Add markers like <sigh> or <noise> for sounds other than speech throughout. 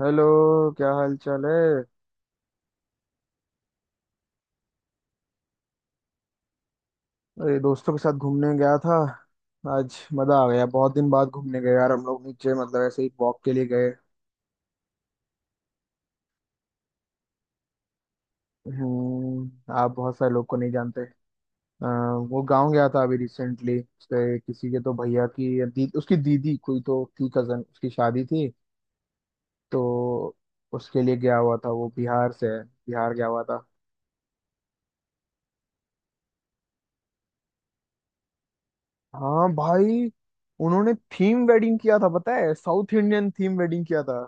Hello. क्या हाल चाल है? अरे दोस्तों के साथ घूमने गया था। आज मजा आ गया, बहुत दिन बाद घूमने गए यार। हम लोग नीचे मतलब ऐसे ही वॉक के लिए गए। हम्म, आप बहुत सारे लोग को नहीं जानते। अ, वो गांव गया था अभी रिसेंटली। उसके किसी के तो उसकी दीदी कोई तो थी, कजन, उसकी शादी थी। तो उसके लिए गया हुआ था। वो बिहार से है, बिहार गया हुआ था। हाँ भाई। उन्होंने थीम वेडिंग किया था, पता है? साउथ इंडियन थीम वेडिंग किया था।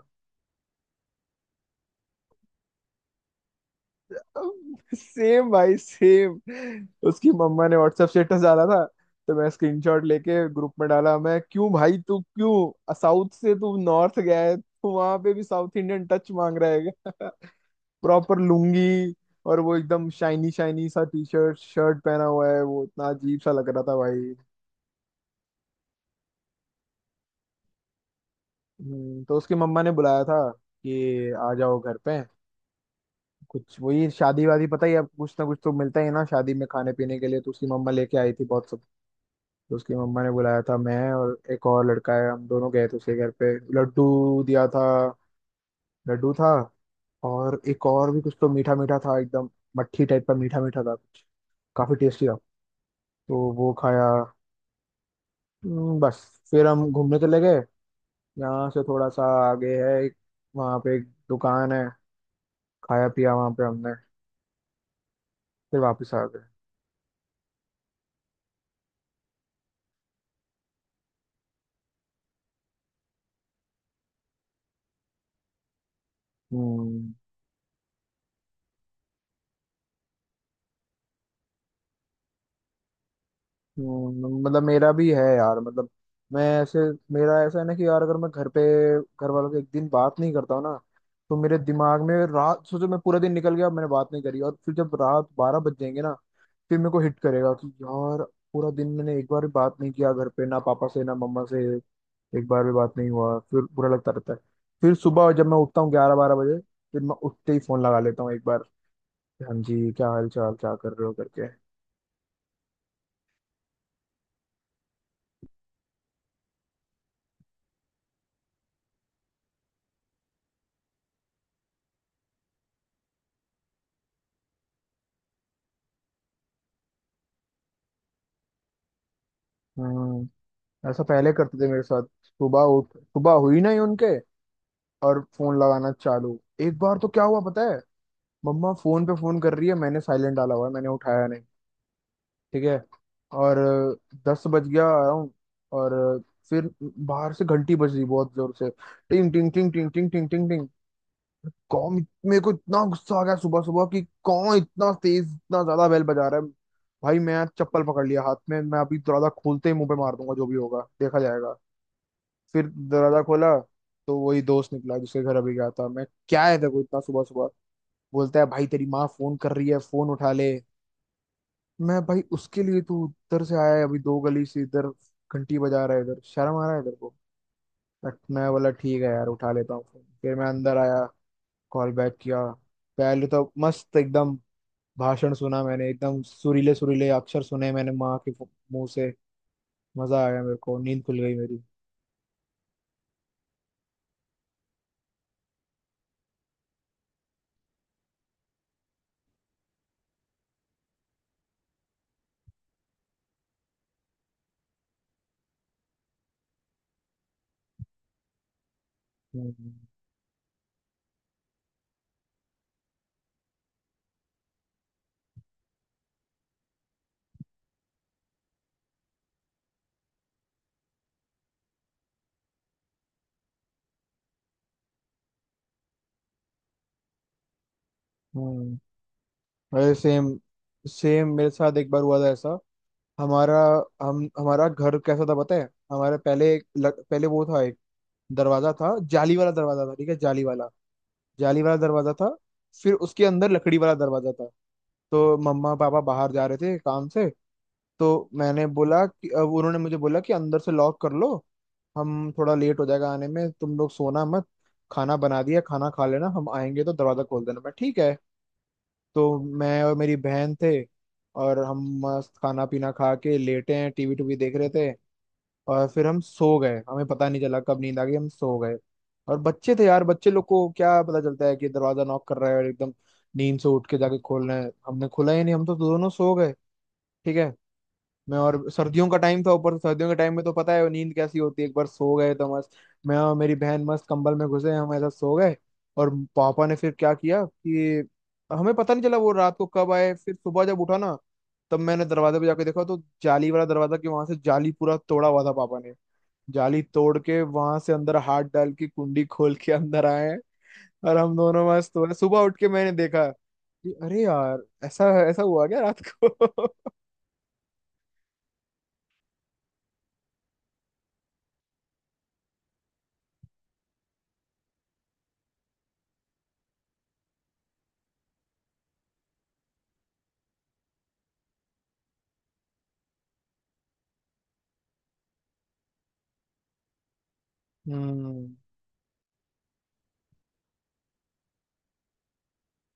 सेम भाई सेम। उसकी मम्मा ने व्हाट्सएप स्टेटस डाला था, तो मैं स्क्रीनशॉट लेके ग्रुप में डाला। मैं, क्यों भाई, तू क्यों साउथ से तू नॉर्थ गया है, तू वहां पे भी साउथ इंडियन टच मांग रहा है क्या? <laughs> प्रॉपर लुंगी, और वो एकदम शाइनी शाइनी सा टी शर्ट शर्ट पहना हुआ है। वो इतना अजीब सा लग रहा था भाई। तो उसकी मम्मा ने बुलाया था कि आ जाओ घर पे। कुछ वही शादी वादी पता ही है, अब कुछ ना कुछ तो मिलता ही है ना शादी में खाने पीने के लिए, तो उसकी मम्मा लेके आई थी बहुत। तो उसकी मम्मा ने बुलाया था। मैं और एक और लड़का है, हम दोनों गए थे उसके घर पे। लड्डू दिया था, लड्डू था। और एक और भी कुछ तो मीठा मीठा था एकदम। मट्ठी टाइप का मीठा मीठा था कुछ। काफी टेस्टी था, तो वो खाया। बस। फिर हम घूमने चले गए। यहाँ से थोड़ा सा आगे है एक, वहाँ पे एक दुकान है। खाया पिया वहाँ पे हमने, फिर वापस आ गए। हम्म। मतलब मेरा भी है यार। मतलब मैं ऐसे, मेरा ऐसा है ना कि यार, अगर मैं घर पे, घर वालों से एक दिन बात नहीं करता हूँ ना, तो मेरे दिमाग में रात, सोचो मैं पूरा दिन निकल गया, मैंने बात नहीं करी, और फिर जब रात 12 बज जाएंगे ना, फिर मेरे को हिट करेगा कि यार पूरा दिन मैंने एक बार भी बात नहीं किया घर पे, ना पापा से ना मम्मा से, एक बार भी बात नहीं हुआ, फिर बुरा लगता रहता है। फिर सुबह जब मैं उठता हूँ 11 12 बजे, फिर मैं उठते ही फोन लगा लेता हूँ एक बार। हाँ जी, क्या हाल चाल, क्या कर रहे हो, करके। हम्म, ऐसा पहले करते थे मेरे साथ। सुबह उठ, सुबह हुई नहीं उनके, और फोन लगाना चालू। एक बार तो क्या हुआ पता है, मम्मा फोन पे फोन कर रही है, मैंने साइलेंट डाला हुआ है, मैंने उठाया नहीं। ठीक है, और 10 बज गया अराउंड। और फिर बाहर से घंटी बज रही बहुत जोर से। टिंग टिंग टिंग टिंग टिंग टिंग टिंग टिंग। कौन, मेरे को इतना गुस्सा आ गया सुबह सुबह कि कौन इतना तेज इतना ज्यादा बेल बजा रहा है। भाई मैं आज चप्पल पकड़ लिया हाथ में, मैं अभी दरवाजा खोलते ही मुंह पे मार दूंगा जो भी होगा देखा जाएगा। फिर दरवाजा खोला, तो वही दोस्त निकला जिसके घर अभी गया था मैं। क्या है, देखो, इतना सुबह सुबह। बोलता है भाई तेरी माँ फोन कर रही है, फोन उठा ले। मैं, भाई उसके लिए तू उधर से आया है अभी, दो गली से इधर घंटी बजा रहा है, इधर शर्म आ रहा है इधर को। बट मैं बोला ठीक है यार, उठा लेता हूँ फोन। फिर मैं अंदर आया, कॉल बैक किया। पहले तो मस्त एकदम भाषण सुना मैंने, एकदम सुरीले सुरीले अक्षर सुने मैंने माँ के मुंह से। मजा आया, मेरे को नींद खुल गई मेरी। हम्म। हम्म, अरे सेम। सेम मेरे साथ एक बार हुआ था ऐसा। हमारा, हम हमारा घर कैसा था पता है, हमारे पहले एक पहले वो था एक दरवाजा था, जाली वाला दरवाजा था, ठीक है? जाली वाला, जाली वाला दरवाजा था। फिर उसके अंदर लकड़ी वाला दरवाजा था। तो मम्मा पापा बाहर जा रहे थे काम से, तो मैंने बोला कि, अब उन्होंने मुझे बोला कि अंदर से लॉक कर लो, हम थोड़ा लेट हो जाएगा आने में, तुम लोग सोना मत, खाना बना दिया, खाना खा लेना, हम आएंगे तो दरवाजा खोल देना। मैं, ठीक है। तो मैं और मेरी बहन थे, और हम मस्त खाना पीना खा के लेटे हैं, टीवी टूवी देख रहे थे, और फिर हम सो गए। हमें पता नहीं चला कब नींद आ गई, हम सो गए। और बच्चे थे यार, बच्चे लोग को क्या पता चलता है कि दरवाजा नॉक कर रहा है, और एकदम नींद से उठ के जाके खोलना है। हमने खोला ही नहीं, हम तो दोनों सो गए। ठीक है। मैं और सर्दियों का टाइम था ऊपर से, सर्दियों के टाइम में तो पता है वो नींद कैसी होती है, एक बार सो गए तो मस्त। मैं और मेरी बहन मस्त कंबल में घुसे, हम ऐसा सो गए। और पापा ने फिर क्या किया कि, हमें पता नहीं चला वो रात को कब आए। फिर सुबह जब उठा ना, तब मैंने दरवाजे पे जाके देखा तो जाली वाला दरवाजा, कि वहां से जाली पूरा तोड़ा हुआ था पापा ने। जाली तोड़ के वहां से अंदर हाथ डाल के कुंडी खोल के अंदर आए हैं। और हम दोनों मस्त हुए, सुबह उठ के मैंने देखा कि अरे यार ऐसा ऐसा हुआ क्या रात को। <laughs> हम्म।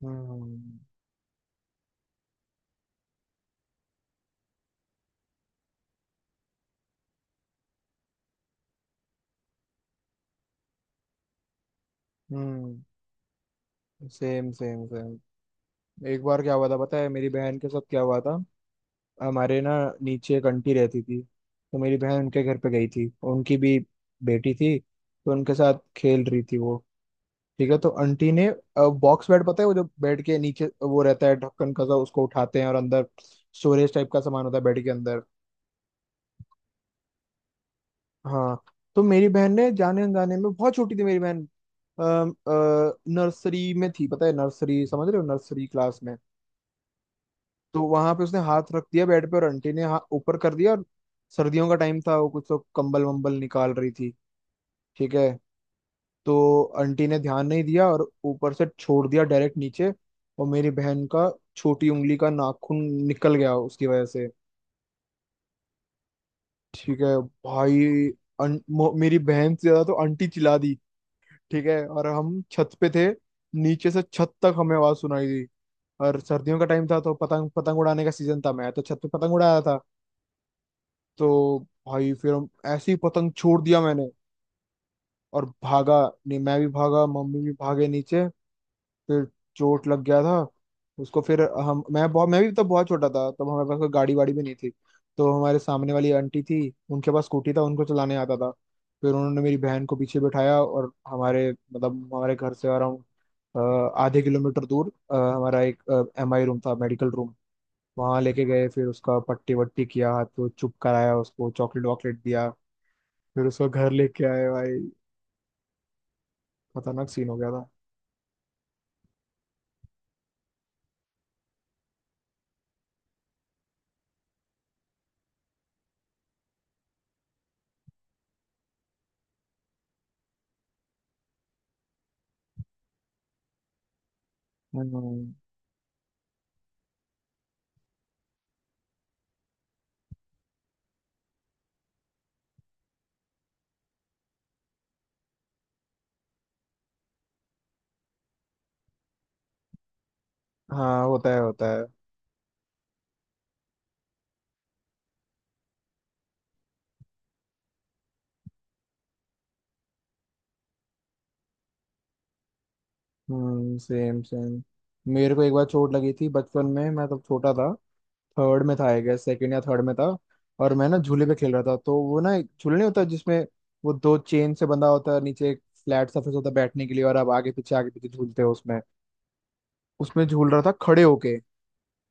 हम्म। हम्म, सेम सेम सेम। एक बार क्या हुआ था पता है, मेरी बहन के साथ क्या हुआ था। हमारे ना नीचे एक आंटी रहती थी, तो मेरी बहन उनके घर पे गई थी। उनकी भी बेटी थी, तो उनके साथ खेल रही थी वो। ठीक है। तो आंटी ने, बॉक्स बेड पता है, वो जो बेड के नीचे वो रहता है ढक्कन का सा, उसको उठाते हैं और अंदर स्टोरेज टाइप का सामान होता है बेड के अंदर। हाँ। तो मेरी बहन ने जाने अनजाने में, बहुत छोटी थी मेरी बहन, नर्सरी में थी, पता है नर्सरी, समझ रहे हो, नर्सरी क्लास में। तो वहां पे उसने हाथ रख दिया बेड पे, और आंटी ने हाथ ऊपर कर दिया और, सर्दियों का टाइम था, वो कुछ तो कंबल वंबल निकाल रही थी, ठीक है? तो आंटी ने ध्यान नहीं दिया और ऊपर से छोड़ दिया डायरेक्ट नीचे, और मेरी बहन का छोटी उंगली का नाखून निकल गया उसकी वजह से। ठीक है। भाई, मेरी बहन से ज्यादा तो आंटी चिल्ला दी, ठीक है? और हम छत पे थे, नीचे से छत तक हमें आवाज सुनाई दी। और सर्दियों का टाइम था तो पतंग, पतंग उड़ाने का सीजन था, मैं तो छत पे पतंग उड़ा रहा था। तो भाई फिर हम, ऐसे ही पतंग छोड़ दिया मैंने, और भागा। नहीं, मैं भी भागा मम्मी भी भागे नीचे। फिर चोट लग गया था उसको। फिर हम मैं बहुत मैं भी तब बहुत छोटा था। तब हमारे पास कोई गाड़ी वाड़ी भी नहीं थी, तो हमारे सामने वाली आंटी थी, उनके पास स्कूटी था, उनको चलाने आता था। फिर उन्होंने मेरी बहन को पीछे बिठाया, और हमारे मतलब हमारे घर से अराउंड आधे किलोमीटर दूर, हमारा एक एम आई रूम था, मेडिकल रूम। वहां लेके गए, फिर उसका पट्टी वट्टी किया, हाथ को चुप कराया, उसको चॉकलेट वॉकलेट दिया, फिर उसको घर लेके आए भाई। खतरनाक सीन हो गया था। हम्म। हाँ होता है, होता है। हम्म, सेम सेम। मेरे को एक बार चोट लगी थी बचपन में। मैं तब छोटा था, थर्ड में था आई गेस, सेकेंड या थर्ड में था। और मैं ना झूले पे खेल रहा था, तो वो ना एक झूले नहीं होता जिसमें वो दो चेन से बंधा होता है, नीचे एक फ्लैट सरफेस होता है बैठने के लिए, और आप आगे पीछे झूलते हो उसमें। उसमें झूल रहा था खड़े होके,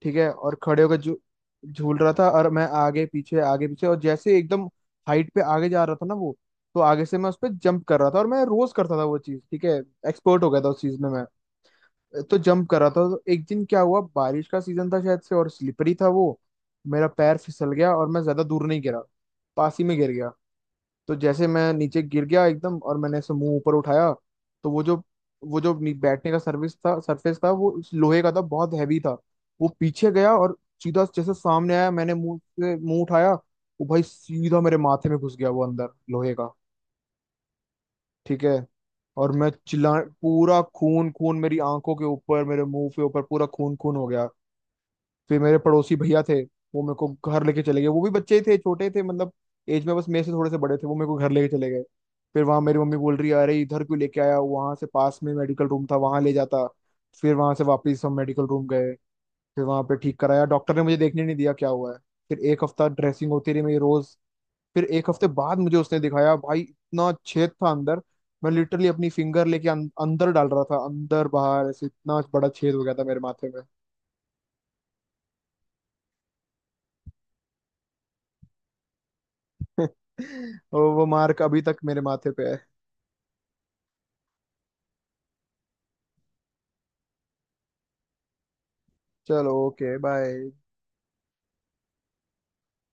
ठीक है? और खड़े होकर झू झूल रहा था, और मैं आगे पीछे आगे पीछे, और जैसे एकदम हाइट पे आगे जा रहा था ना वो, तो आगे से मैं उस पर जंप कर रहा था, और मैं रोज करता था वो चीज ठीक है, एक्सपर्ट हो गया था उस चीज में मैं। तो जंप कर रहा था, तो एक दिन क्या हुआ, बारिश का सीजन था शायद से और स्लिपरी था वो। मेरा पैर फिसल गया और मैं ज्यादा दूर नहीं गिरा, पास ही में गिर गया। तो जैसे मैं नीचे गिर गया एकदम, और मैंने ऐसे मुंह ऊपर उठाया, तो वो जो, वो जो बैठने का सर्विस था, सरफेस था, वो इस लोहे का था, बहुत हैवी था। वो पीछे गया, और सीधा जैसे सामने आया, मैंने मुंह से मुंह उठाया, वो भाई सीधा मेरे माथे में घुस गया, वो अंदर लोहे का। ठीक है, और मैं चिल्ला, पूरा खून खून मेरी आंखों के ऊपर मेरे मुंह के ऊपर, पूरा खून खून हो गया। फिर मेरे पड़ोसी भैया थे, वो मेरे को घर लेके चले गए। वो भी बच्चे ही थे, छोटे थे मतलब, एज में बस मेरे से थोड़े से बड़े थे। वो मेरे को घर लेके चले गए, फिर वहां मेरी मम्मी बोल रही है अरे इधर क्यों लेके आया, वहां से पास में मेडिकल रूम था, वहां ले जाता। फिर वहां से वापस हम मेडिकल रूम गए, फिर वहां पे ठीक कराया, डॉक्टर ने मुझे देखने नहीं दिया क्या हुआ है। फिर एक हफ्ता ड्रेसिंग होती रही मेरी रोज। फिर एक हफ्ते बाद मुझे उसने दिखाया, भाई इतना छेद था अंदर, मैं लिटरली अपनी फिंगर लेके अंदर डाल रहा था, अंदर बाहर ऐसे, इतना बड़ा छेद हो गया था मेरे माथे में। <laughs> और वो मार्क अभी तक मेरे माथे पे है। चलो, ओके बाय।